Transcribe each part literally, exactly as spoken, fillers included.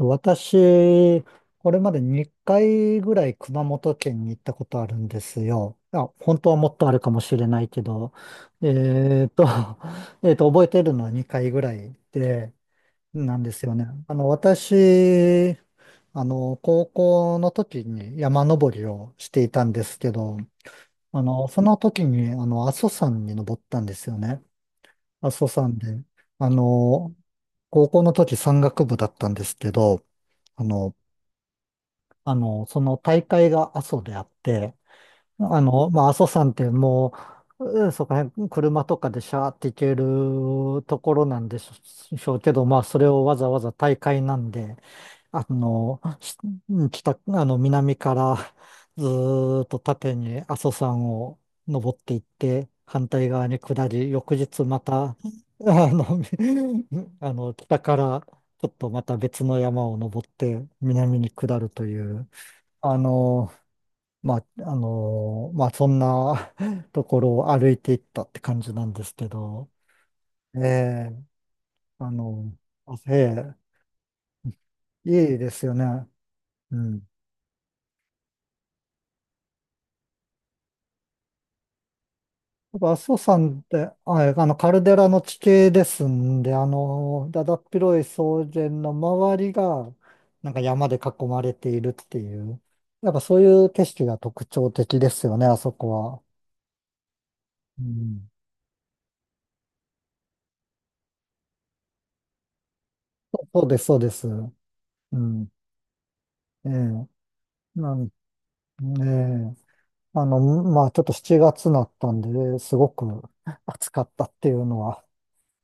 私、これまでにかいぐらい熊本県に行ったことあるんですよ。あ、本当はもっとあるかもしれないけど、えっと、えっと、覚えてるのはにかいぐらいで、なんですよね。あの、私、あの、高校の時に山登りをしていたんですけど、あの、その時に、あの、阿蘇山に登ったんですよね。阿蘇山で。あの、高校の時山岳部だったんですけど、あの、あの、その大会が阿蘇であって、あの、まあ、阿蘇山ってもう、うんそこら辺車とかでシャーって行けるところなんでしょうけど、まあ、それをわざわざ大会なんで、あの、し北、あの、南からずーっと縦に阿蘇山を登っていって、反対側に下り、翌日また、あの、あの、北からちょっとまた別の山を登って、南に下るという、あの、まあ、あの、まあ、そんな ところを歩いていったって感じなんですけど、ええ、あの、あええ、いいですよね。うん。やっぱ阿蘇山って、あ、えあの、カルデラの地形ですんで、あの、だだっ広い草原の周りが、なんか山で囲まれているっていう、やっぱそういう景色が特徴的ですよね、あそこは。うん。そうそうです、そうです。うん。ええ。なん、ええ。あの、まあちょっとしちがつになったんで、すごく暑かったっていうのは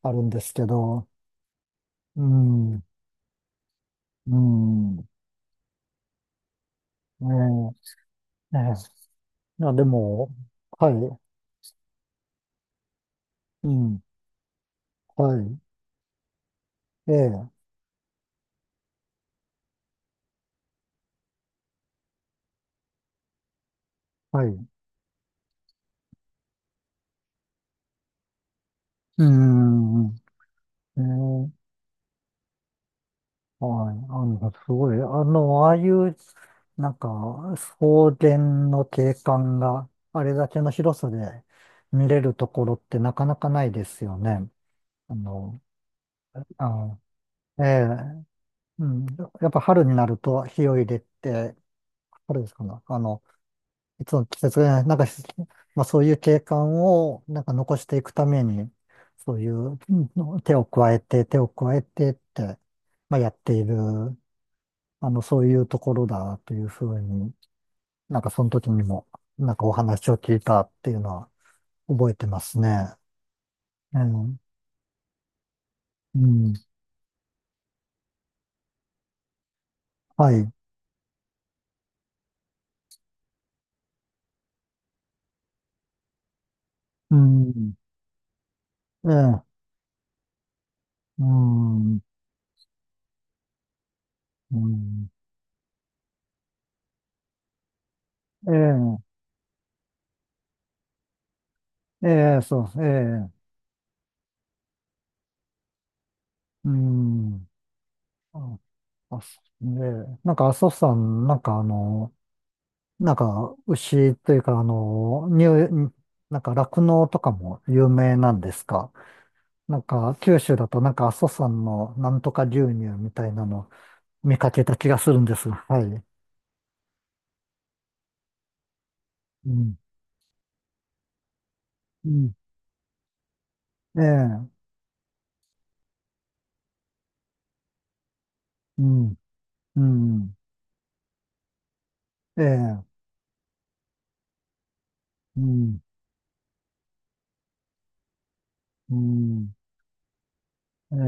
あるんですけど、うん、うん、ねえ、ねえ、いやでも、はい、うん、はい、ええ、はい、うん、ねえ、はい、あの、すごい、あの、ああいう、なんか、草原の景観があれだけの広さで見れるところってなかなかないですよね。あの、あ、ええうん、やっぱ春になると火を入れて、春ですかね。あの、いつの季節がね、なんか、まあそういう景観をなんか残していくために、そういううん手を加えて、手を加えてって、まあやっている、あの、そういうところだというふうに、なんかその時にも、なんかお話を聞いたっていうのは覚えてますね。うん、うん、はい、うん、ええ、うん、うん、ええ、ええ、そう、ええ。うん。あ、あ、そうね。なんか、阿蘇山、なんかあの、なんか、牛というか、あの、乳、なんか、酪農とかも有名なんですか？なんか、九州だと、なんか、阿蘇山のなんとか牛乳みたいなの見かけた気がするんですが、はい。うん。うん。ええ。うん。うん。ええ。うん。うん。ええ。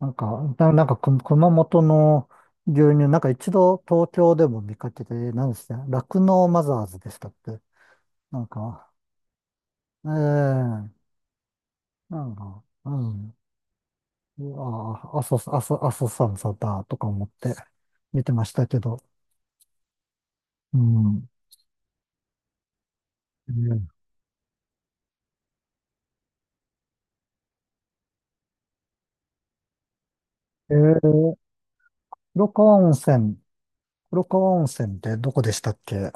なんか、だなんかく熊本の牛乳、なんか一度東京でも見かけて、何でした酪農マザーズでしたって。なんか、ええなんか、うん。ああ、阿蘇、阿蘇、阿蘇山さんだとか思って見てましたけど。うん。ええー、黒川温泉、黒川温泉ってどこでしたっけ？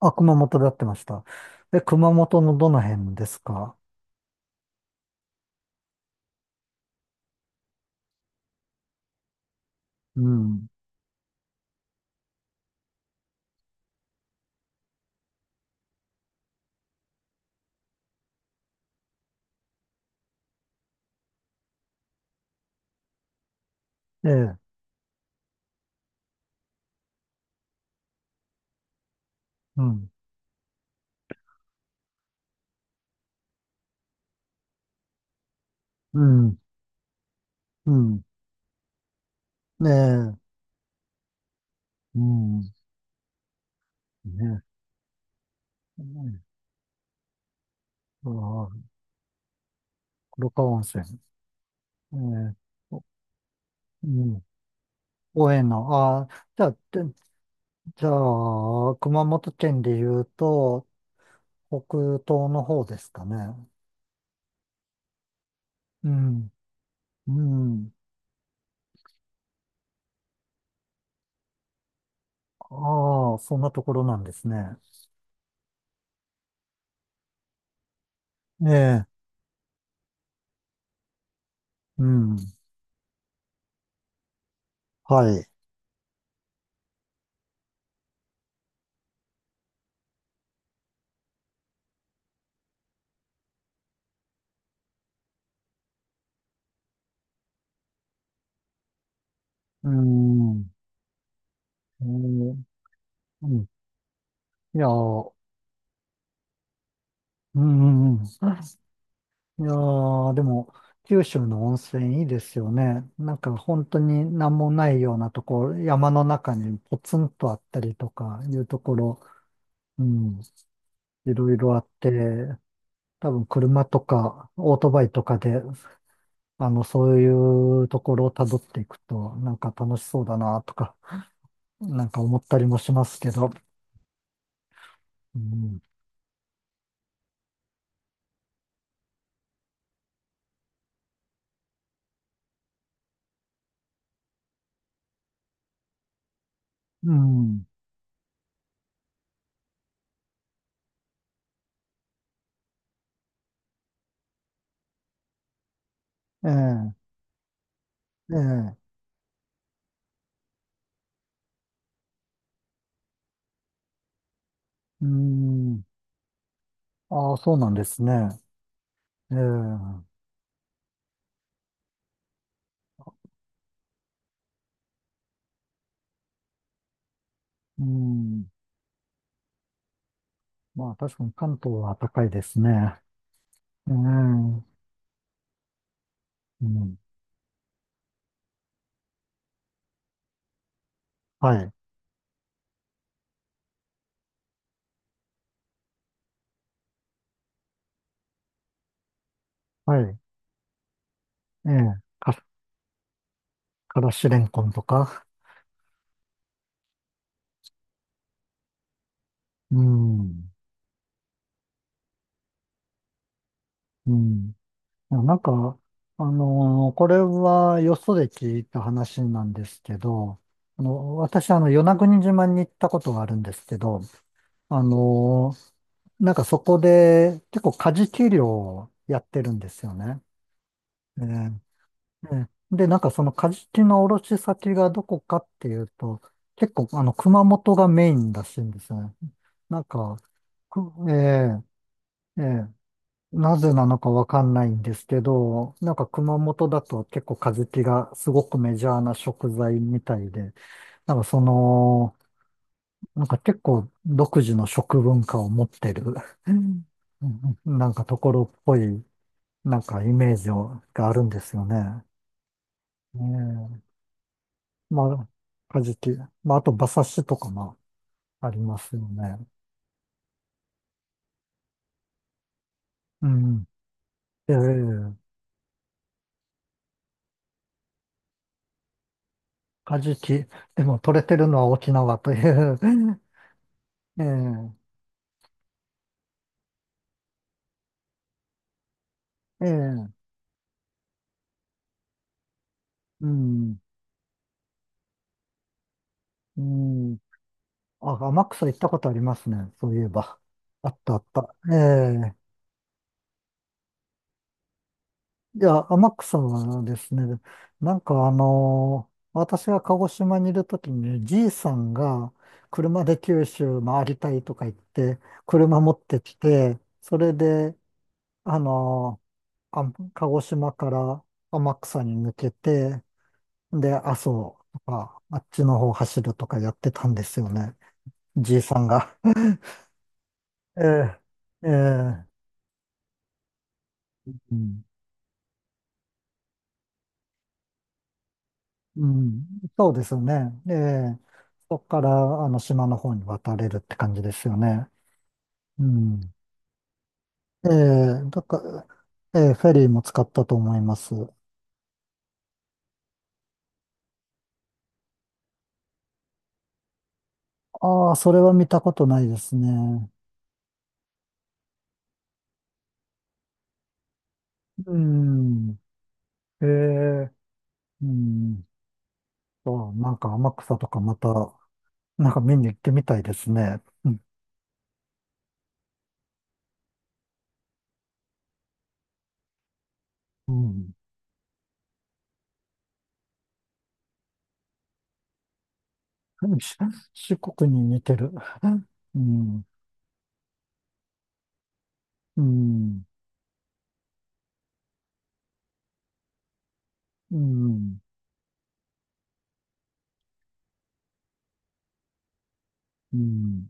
あ、熊本でやってました。え、熊本のどの辺ですか？うん。ええ、うん。うん。うん。ねえ、うん、ねえ、うん、ああ、黒川温泉、ええ、おうん、応援の、ああ、じゃあ、でじゃあ、熊本県で言うと、北東の方ですかね。うん、うん、ああ、そんなところなんですね。ええ、うん、はい、うん、うん、うんいや、うん、うんうんいやー、でも、九州の温泉いいですよね。なんか本当に何もないようなところ、山の中にポツンとあったりとかいうところ、うん、いろいろあって、多分車とかオートバイとかで、あの、そういうところを辿っていくと、なんか楽しそうだなとか、なんか思ったりもしますけど、うん、うん、ええ、ええ、うん、ああ、そうなんですね。ええ、うん。まあ確かに関東は高いですね。うん。うん。はい。はい。ええ。か、からしれんこんとか。うん。うん。いやなんか、あのーこれはよそで聞いた話なんですけど、あの、私、あの、与那国島に行ったことがあるんですけど、あのーなんかそこで結構カジキ漁をやってるんですよね。ええええで、なんかそのカジキの卸先がどこかっていうと、結構あの熊本がメインらしいんですよね。なんか、くええええなぜなのかわかんないんですけど、なんか熊本だと結構カジキがすごくメジャーな食材みたいで、なんかその、なんか結構独自の食文化を持ってる、うんなんかところっぽい、なんかイメージをがあるんですよね。ねえまあ、カジキ。まあ、あと馬刺しとかもありますよね。うん。ええカジキ。でも取れてるのは沖縄という。ええええうん。うん。あ、天草行ったことありますね。そういえば。あったあった。ええいや、天草はですね、なんかあのー私が鹿児島にいるときに、じいさんが車で九州回りたいとか言って、車持ってきて、それで、あの、あ、鹿児島から天草に抜けて、で、阿蘇とか、あっちの方走るとかやってたんですよね。じいさんが。ええ、ええ、うん、うん、そうですよね。ええ、そこから、あの、島の方に渡れるって感じですよね。うん。ええ、だから、ええ、フェリーも使ったと思います。ああ、それは見たことないですね。うん。ええ、うん。そう、なんか天草とかまた、なんか見に行ってみたいですね。うん。うん。し四国に似てる。うん。うん。うん。うん。うん。